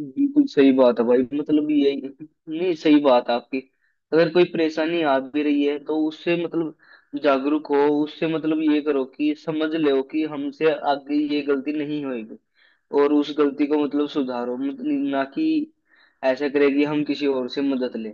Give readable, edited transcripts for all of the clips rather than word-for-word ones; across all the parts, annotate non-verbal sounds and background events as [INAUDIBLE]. बिल्कुल सही बात है भाई, मतलब यही। नहीं, सही बात है आपकी। अगर कोई परेशानी आ भी रही है तो उससे मतलब जागरूक हो। उससे मतलब ये करो कि समझ लो कि हमसे आगे ये गलती नहीं होगी, और उस गलती को मतलब सुधारो, मतलब ना कि ऐसा करे कि हम किसी और से मदद लें।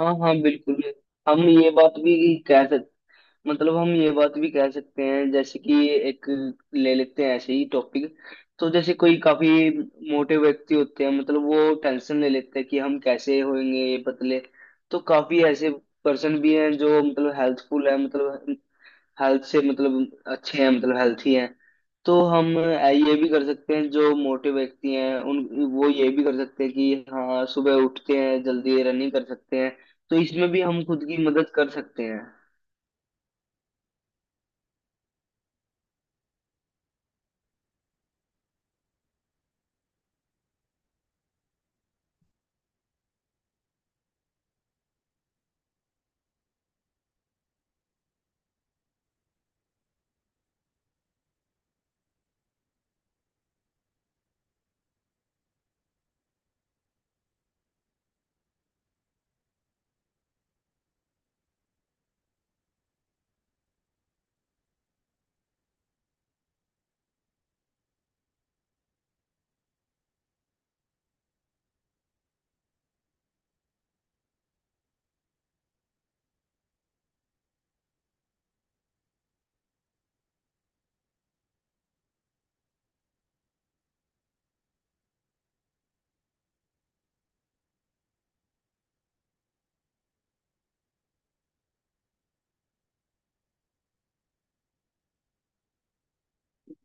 हाँ हाँ, बिल्कुल। हम ये बात भी कह सकते हम ये बात भी कह सकते हैं, जैसे कि एक ले लेते हैं ऐसे ही टॉपिक। तो जैसे कोई काफी मोटे व्यक्ति होते हैं, मतलब वो टेंशन ले लेते हैं कि हम कैसे होंगे ये पतले। तो काफी ऐसे पर्सन भी हैं जो मतलब हेल्थफुल है, मतलब हेल्थ से मतलब अच्छे हैं, मतलब हेल्थी हैं। तो हम ये भी कर सकते हैं जो मोटे व्यक्ति हैं उन वो ये भी कर सकते हैं कि हाँ सुबह उठते हैं जल्दी रनिंग कर सकते हैं। तो इसमें भी हम खुद की मदद कर सकते हैं।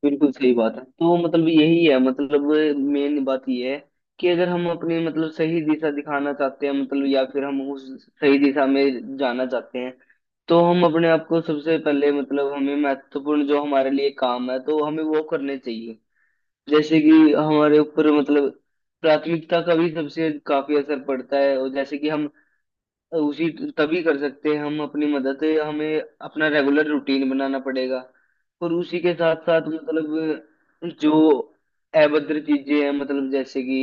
बिल्कुल सही बात है, तो मतलब यही है। मतलब मेन बात यह है कि अगर हम अपनी मतलब सही दिशा दिखाना चाहते हैं, मतलब या फिर हम उस सही दिशा में जाना चाहते हैं, तो हम अपने आप को सबसे पहले मतलब हमें महत्वपूर्ण जो हमारे लिए काम है तो हमें वो करने चाहिए। जैसे कि हमारे ऊपर मतलब प्राथमिकता का भी सबसे काफी असर पड़ता है, और जैसे कि हम उसी तभी कर सकते हैं हम अपनी मदद। हमें अपना रेगुलर रूटीन बनाना पड़ेगा, और उसी के साथ साथ मतलब जो अभद्र चीजें हैं, मतलब जैसे कि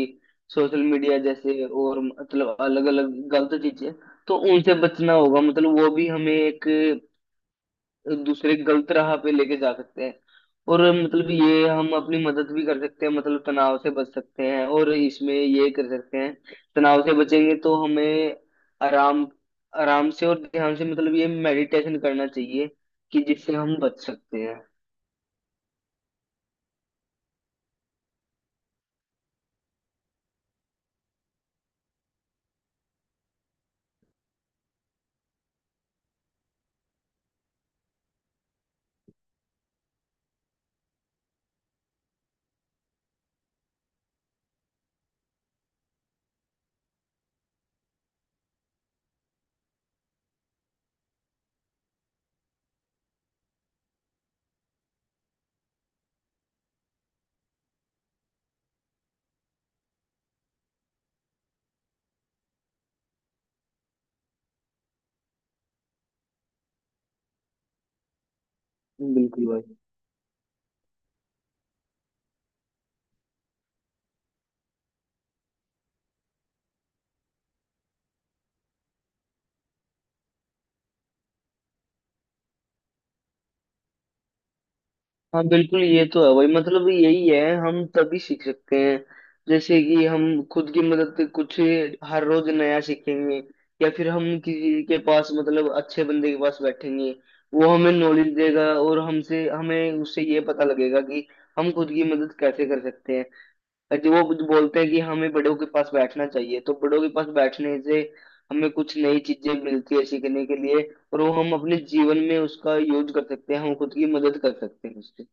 सोशल मीडिया जैसे, और मतलब अलग अलग गलत चीजें, तो उनसे बचना होगा। मतलब वो भी हमें एक दूसरे गलत राह पे लेके जा सकते हैं। और मतलब ये हम अपनी मदद भी कर सकते हैं, मतलब तनाव से बच सकते हैं और इसमें ये कर सकते हैं। तनाव से बचेंगे तो हमें आराम, आराम से और ध्यान से मतलब ये मेडिटेशन करना चाहिए कि जिससे हम बच सकते हैं। बिल्कुल भाई। हाँ, बिल्कुल ये तो है भाई, मतलब यही है। हम तभी सीख सकते हैं जैसे कि हम खुद की मदद से कुछ हर रोज नया सीखेंगे, या फिर हम किसी के पास मतलब अच्छे बंदे के पास बैठेंगे, वो हमें नॉलेज देगा, और हमसे हमें उससे ये पता लगेगा कि हम खुद की मदद कैसे कर सकते हैं। जो वो बोलते हैं कि हमें बड़ों के पास बैठना चाहिए, तो बड़ों के पास बैठने से हमें कुछ नई चीजें मिलती है सीखने के लिए, और वो हम अपने जीवन में उसका यूज कर सकते हैं, हम खुद की मदद कर सकते हैं उससे।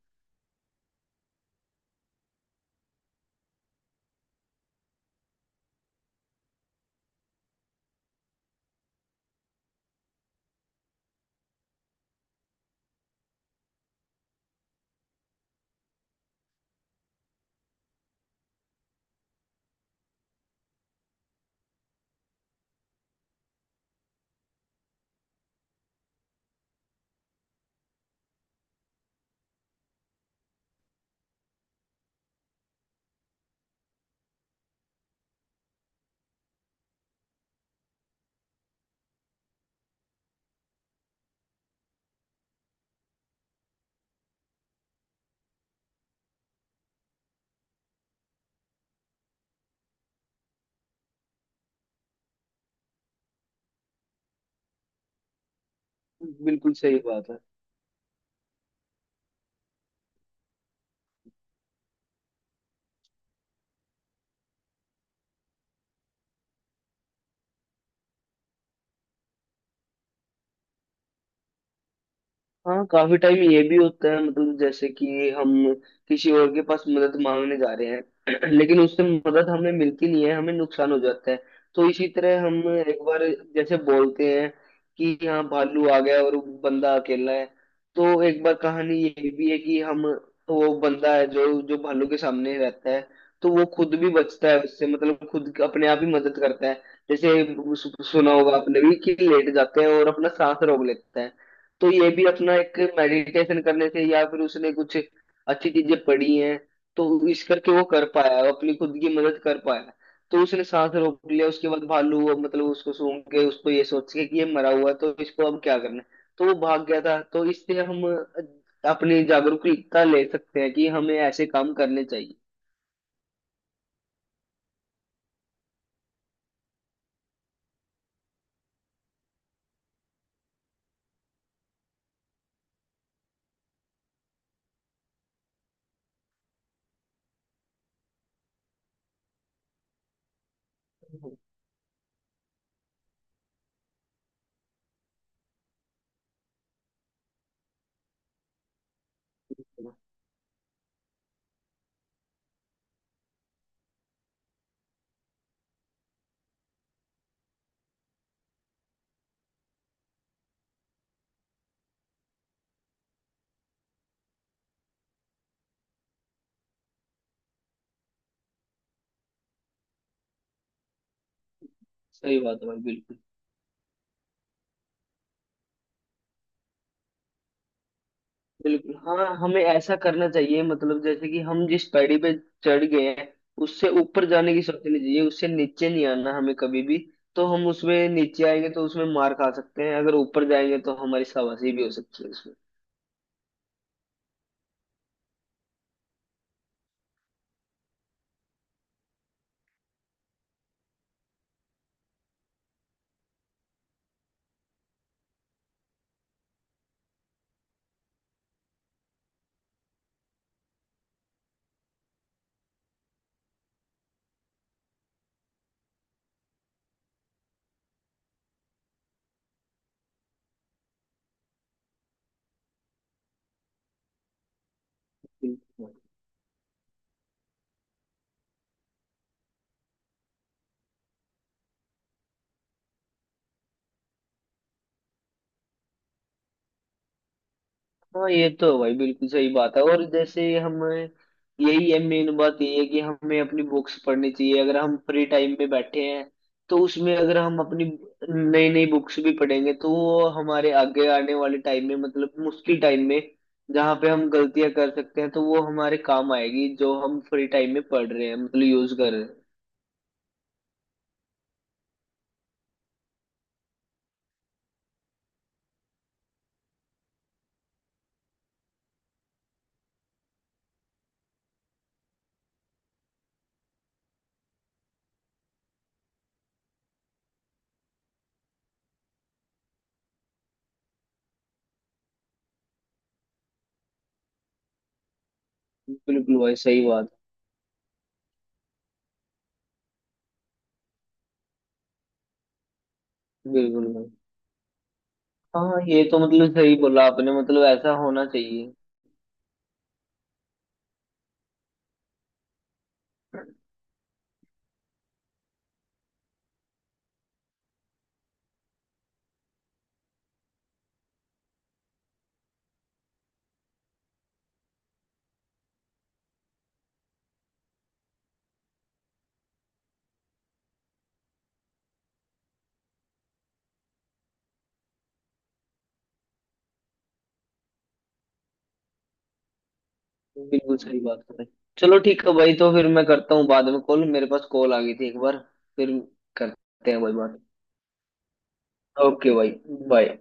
बिल्कुल सही बात है। हाँ काफी टाइम ये भी होता है, मतलब जैसे कि हम किसी और के पास मदद मांगने जा रहे हैं [CLEARS THROAT] लेकिन उससे मदद हमें मिलती नहीं है, हमें नुकसान हो जाता है। तो इसी तरह हम, एक बार, जैसे बोलते हैं कि यहाँ भालू आ गया और बंदा अकेला है, तो एक बार कहानी ये भी है कि हम वो बंदा है जो जो भालू के सामने रहता है, तो वो खुद भी बचता है उससे, मतलब खुद अपने आप ही मदद करता है। जैसे सुना होगा आपने भी कि लेट जाते हैं और अपना सांस रोक लेता है, तो ये भी अपना एक मेडिटेशन करने से, या फिर उसने कुछ अच्छी चीजें पढ़ी हैं, तो इस करके वो कर पाया, वो अपनी खुद की मदद कर पाया। तो उसने सांस रोक लिया, उसके बाद भालू वो मतलब उसको सूंघ के, उसको ये सोच के कि ये मरा हुआ है तो इसको अब क्या करना है, तो वो भाग गया था। तो इससे हम अपनी जागरूकता ले सकते हैं कि हमें ऐसे काम करने चाहिए। सही बात है भाई, बिल्कुल। बिल्कुल, हाँ हमें ऐसा करना चाहिए, मतलब जैसे कि हम जिस पैड़ी पे चढ़ गए हैं, उससे ऊपर जाने की सोचनी चाहिए, उससे नीचे नहीं आना हमें कभी भी। तो हम उसमें नीचे आएंगे तो उसमें मार खा सकते हैं, अगर ऊपर जाएंगे तो हमारी शाबाशी भी हो सकती है उसमें। बिल्कुल। हाँ ये तो है भाई, बिल्कुल सही बात है। और जैसे हमें, यही है मेन बात, ये है कि हमें अपनी बुक्स पढ़नी चाहिए। अगर हम फ्री टाइम में बैठे हैं तो उसमें अगर हम अपनी नई नई बुक्स भी पढ़ेंगे, तो वो हमारे आगे आने वाले टाइम में मतलब मुश्किल टाइम में, जहाँ पे हम गलतियां कर सकते हैं, तो वो हमारे काम आएगी जो हम फ्री टाइम में पढ़ रहे हैं, मतलब यूज कर रहे हैं। बिल्कुल भाई, सही बात। बिल्कुल भाई, हाँ ये तो मतलब सही बोला आपने, मतलब ऐसा होना चाहिए। बिल्कुल सही बात कर रहे हैं। चलो ठीक है भाई, तो फिर मैं करता हूँ बाद में कॉल, मेरे पास कॉल आ गई थी एक बार, फिर करते हैं भाई बात। ओके भाई। बाय।